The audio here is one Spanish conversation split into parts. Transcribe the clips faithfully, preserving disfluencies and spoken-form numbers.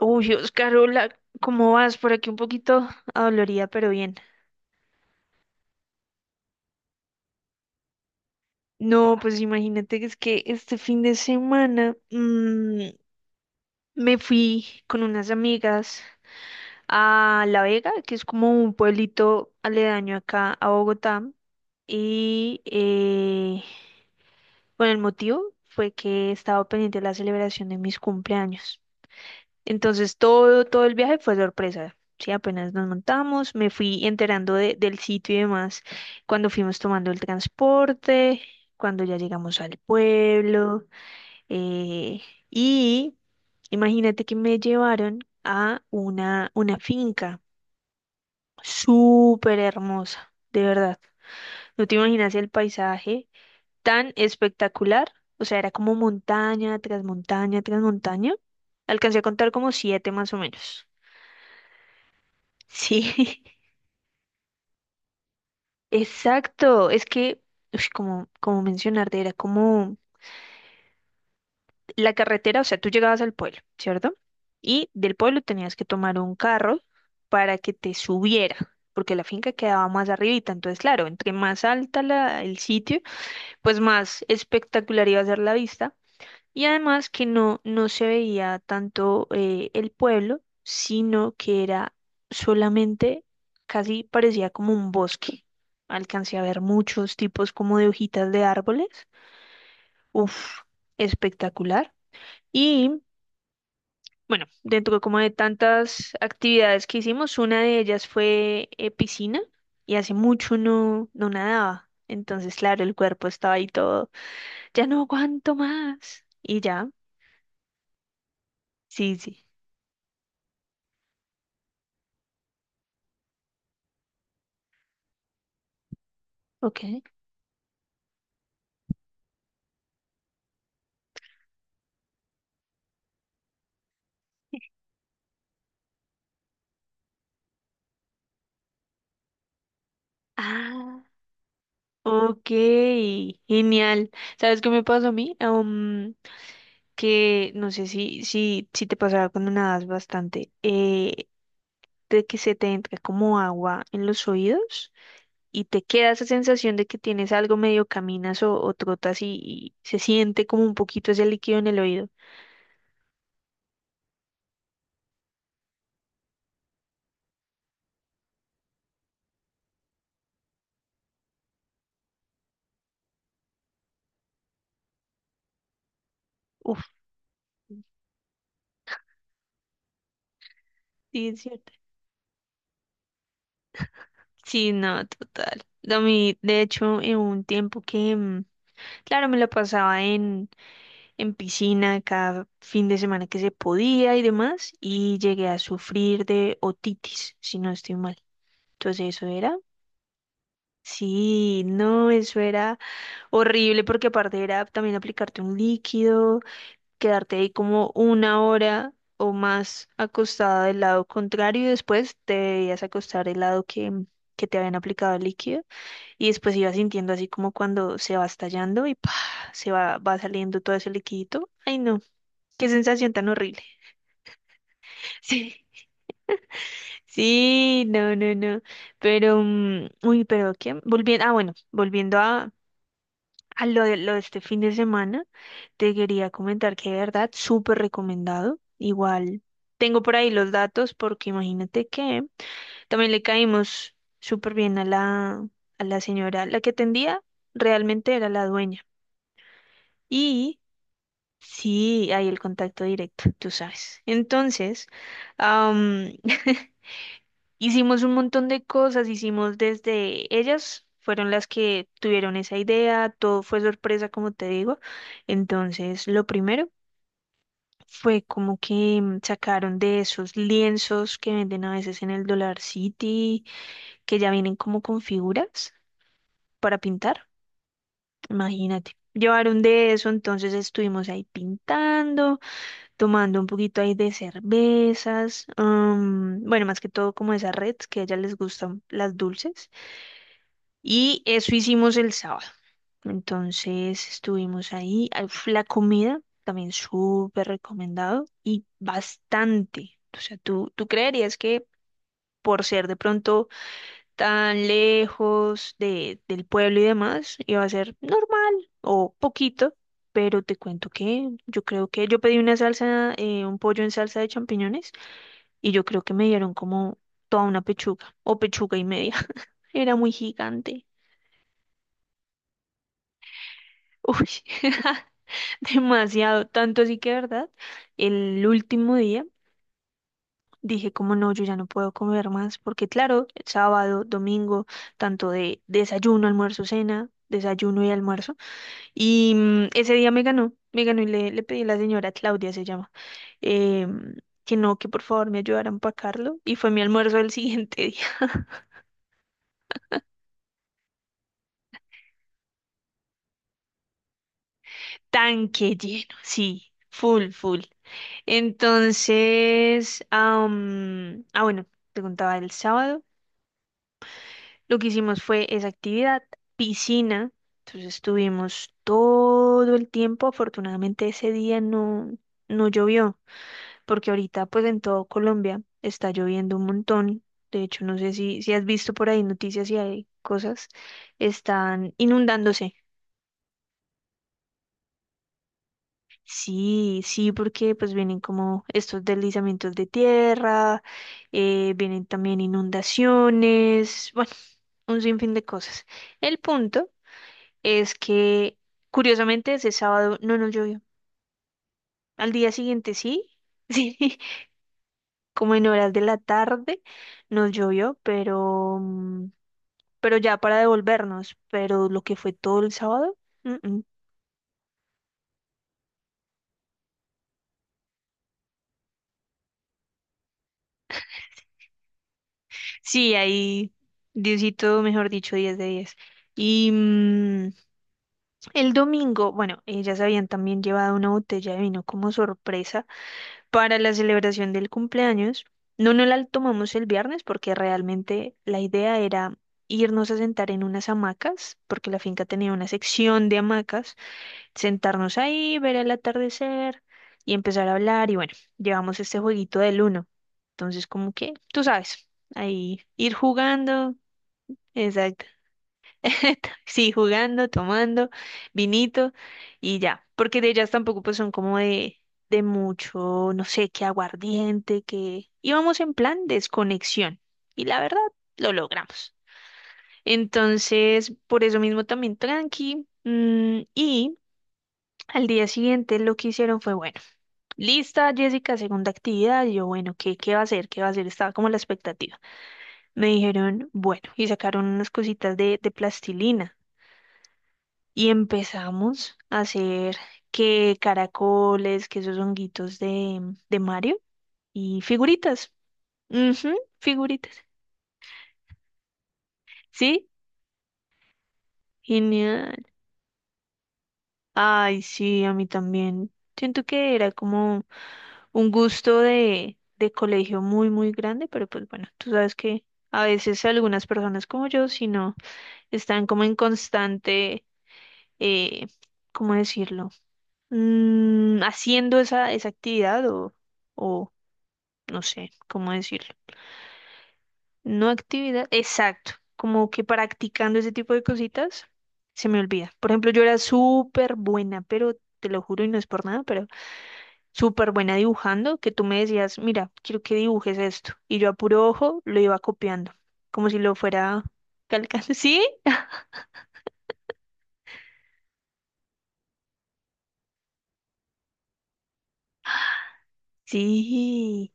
Uy, Oscarola, ¿cómo vas? Por aquí un poquito adolorida, pero bien. No, pues imagínate que es que este fin de semana mm, me fui con unas amigas a La Vega, que es como un pueblito aledaño acá a Bogotá. Y eh, bueno, el motivo fue que estaba pendiente de la celebración de mis cumpleaños. Entonces todo, todo el viaje fue sorpresa. Sí, apenas nos montamos, me fui enterando de- del sitio y demás cuando fuimos tomando el transporte, cuando ya llegamos al pueblo. eh, y imagínate que me llevaron a una, una finca súper hermosa, de verdad. No te imaginas el paisaje tan espectacular. O sea, era como montaña tras montaña tras montaña. Alcancé a contar como siete más o menos. Sí, exacto. Es que, ush, como, como mencionarte, era como la carretera, o sea, tú llegabas al pueblo, ¿cierto? Y del pueblo tenías que tomar un carro para que te subiera, porque la finca quedaba más arribita. Entonces, claro, entre más alta la, el sitio, pues más espectacular iba a ser la vista. Y además que no, no se veía tanto eh, el pueblo, sino que era solamente, casi parecía como un bosque. Alcancé a ver muchos tipos como de hojitas de árboles. Uf, espectacular. Y bueno, dentro como de tantas actividades que hicimos, una de ellas fue eh, piscina, y hace mucho no, no nadaba. Entonces, claro, el cuerpo estaba ahí todo, ya no aguanto más. Y ya, sí, sí, ok. Ah, ok, genial. ¿Sabes qué me pasó a mí? Um, que no sé si, si, si te pasaba cuando nadas bastante, eh, de que se te entra como agua en los oídos y te queda esa sensación de que tienes algo medio caminas o, o trotas y, y se siente como un poquito ese líquido en el oído. Uf, sí, es cierto. Sí, no, total. A mí, de hecho, en un tiempo que, mm, claro, me lo pasaba en en piscina cada fin de semana que se podía y demás, y llegué a sufrir de otitis, si no estoy mal. Entonces eso era, sí, no, eso era horrible porque aparte era también aplicarte un líquido, quedarte ahí como una hora o más acostada del lado contrario y después te debías acostar el lado que... que te habían aplicado el líquido y después ibas sintiendo así como cuando se va estallando y ¡pah! Se va, va saliendo todo ese liquidito. Ay, no. Qué sensación tan horrible. Sí, sí, no, no, no. Pero, mm, uy, pero ¿qué? Volviendo, ah, bueno, volviendo a, a lo de, lo de este fin de semana, te quería comentar que de verdad, súper recomendado. Igual, tengo por ahí los datos porque imagínate que también le caímos súper bien a la, a la señora, la que atendía realmente era la dueña. Y sí, hay el contacto directo, tú sabes. Entonces, am, hicimos un montón de cosas, hicimos desde ellas, fueron las que tuvieron esa idea, todo fue sorpresa, como te digo. Entonces, lo primero fue como que mm, sacaron de esos lienzos que venden a veces en el Dollar City, que ya vienen como con figuras para pintar, imagínate. Llevaron de eso, entonces estuvimos ahí pintando, tomando un poquito ahí de cervezas, mm, bueno, más que todo como esa red que a ellas les gustan las dulces. Y eso hicimos el sábado. Entonces estuvimos ahí. Ah, uf, la comida también súper recomendado y bastante. O sea, ¿tú, tú creerías que por ser de pronto tan lejos de, del pueblo y demás, iba a ser normal o poquito? Pero te cuento que yo creo que yo pedí una salsa, eh, un pollo en salsa de champiñones y yo creo que me dieron como toda una pechuga o pechuga y media. Era muy gigante. Uy. Demasiado, tanto así que, ¿verdad? El último día dije como no, yo ya no puedo comer más, porque claro, sábado, domingo, tanto de desayuno, almuerzo, cena, desayuno y almuerzo, y mm, ese día me ganó, me ganó y le, le pedí a la señora Claudia, se llama, em, que no, que por favor me ayudara a empacarlo, y fue mi almuerzo del siguiente día, tanque lleno, sí, full, full. Entonces, am, ah, bueno, te contaba el sábado. Lo que hicimos fue esa actividad, piscina. Entonces estuvimos todo el tiempo. Afortunadamente ese día no, no llovió, porque ahorita pues en todo Colombia está lloviendo un montón. De hecho, no sé si, si has visto por ahí noticias y hay cosas, están inundándose. Sí, sí, porque pues vienen como estos deslizamientos de tierra, eh, vienen también inundaciones, bueno, un sinfín de cosas. El punto es que curiosamente ese sábado no nos llovió. Al día siguiente sí, sí, como en horas de la tarde nos llovió, pero, mm, pero ya para devolvernos, pero lo que fue todo el sábado, mm, mm. Sí, ahí Diosito, mejor dicho, diez de diez. Y mm, el domingo, bueno, ellas habían también llevado una botella de vino como sorpresa para la celebración del cumpleaños. No, no la tomamos el viernes porque realmente la idea era irnos a sentar en unas hamacas, porque la finca tenía una sección de hamacas, sentarnos ahí, ver el atardecer y empezar a hablar. Y bueno, llevamos este jueguito del uno. Entonces, como que, tú sabes, ahí ir jugando. Exacto. Sí, jugando, tomando vinito y ya, porque de ellas tampoco pues son como de, de mucho, no sé, qué aguardiente, que íbamos en plan desconexión y la verdad lo logramos. Entonces, por eso mismo también tranqui, mm, y al día siguiente lo que hicieron fue, bueno, lista Jessica, segunda actividad, y yo, bueno, ¿qué, qué va a hacer? ¿Qué va a hacer? Estaba como la expectativa. Me dijeron, bueno, y sacaron unas cositas de, de plastilina, y empezamos a hacer que caracoles, que esos honguitos de, de Mario y figuritas. Ujú, figuritas. Sí, genial. Ay, sí, a mí también. Siento que era como un gusto de, de colegio muy, muy grande, pero pues bueno, tú sabes que a veces algunas personas como yo, si no, están como en constante, eh, ¿cómo decirlo? Mm, haciendo esa, esa actividad o... o no sé cómo decirlo. No actividad, exacto, como que practicando ese tipo de cositas, se me olvida. Por ejemplo, yo era súper buena, pero te lo juro y no es por nada, pero súper buena dibujando, que tú me decías, mira, quiero que dibujes esto. Y yo a puro ojo lo iba copiando, como si lo fuera calcando. ¿Sí? Sí.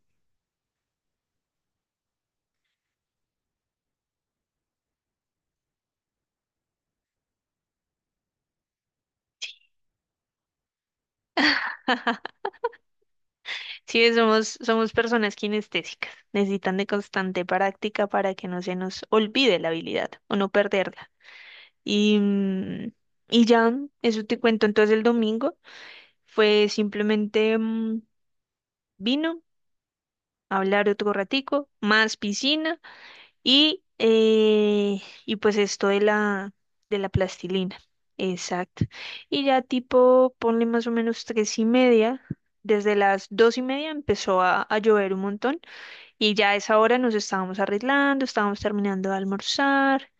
Sí, somos, somos personas kinestésicas. Necesitan de constante práctica para que no se nos olvide la habilidad o no perderla. Y, mm, y ya, eso te cuento. Entonces el domingo fue simplemente mm, vino, hablar otro ratico, más piscina y, eh, y pues esto de la, de la plastilina. Exacto. Y ya tipo, ponle más o menos tres y media. Desde las dos y media empezó a, a llover un montón y ya a esa hora nos estábamos arreglando, estábamos terminando de almorzar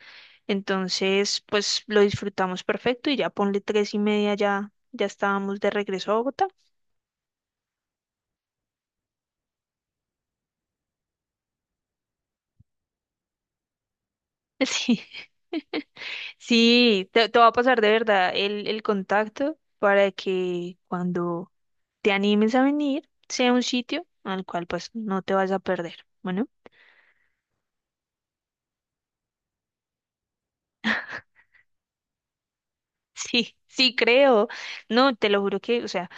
entonces, pues lo disfrutamos perfecto y ya ponle tres y media, ya, ya estábamos de regreso a Bogotá. Sí, sí, te, te va a pasar de verdad el, el contacto para que cuando te animes a venir sea un sitio al cual pues no te vas a perder. Bueno, sí, sí creo. No, te lo juro que, o sea,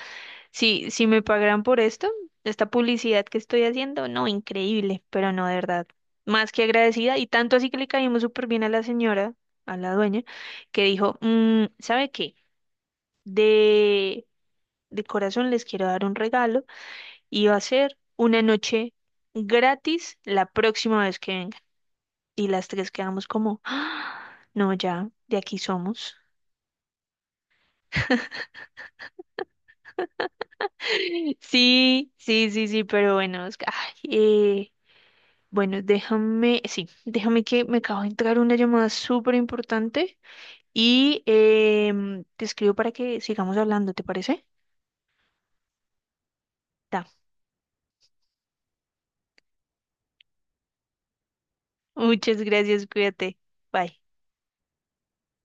si, si me pagaran por esto, esta publicidad que estoy haciendo, no, increíble, pero no, de verdad, más que agradecida. Y tanto así que le caímos súper bien a la señora, a la dueña, que dijo, "Mm, ¿sabe qué? De, de corazón les quiero dar un regalo y va a ser una noche gratis la próxima vez que vengan." Y las tres quedamos como, "Ah, no, ya, de aquí somos." Sí, sí, sí, sí, pero bueno, es que, ay, eh, bueno, déjame, sí, déjame que me acabo de entrar una llamada súper importante y em, te escribo para que sigamos hablando, ¿te parece? Da. Muchas gracias, cuídate. Bye.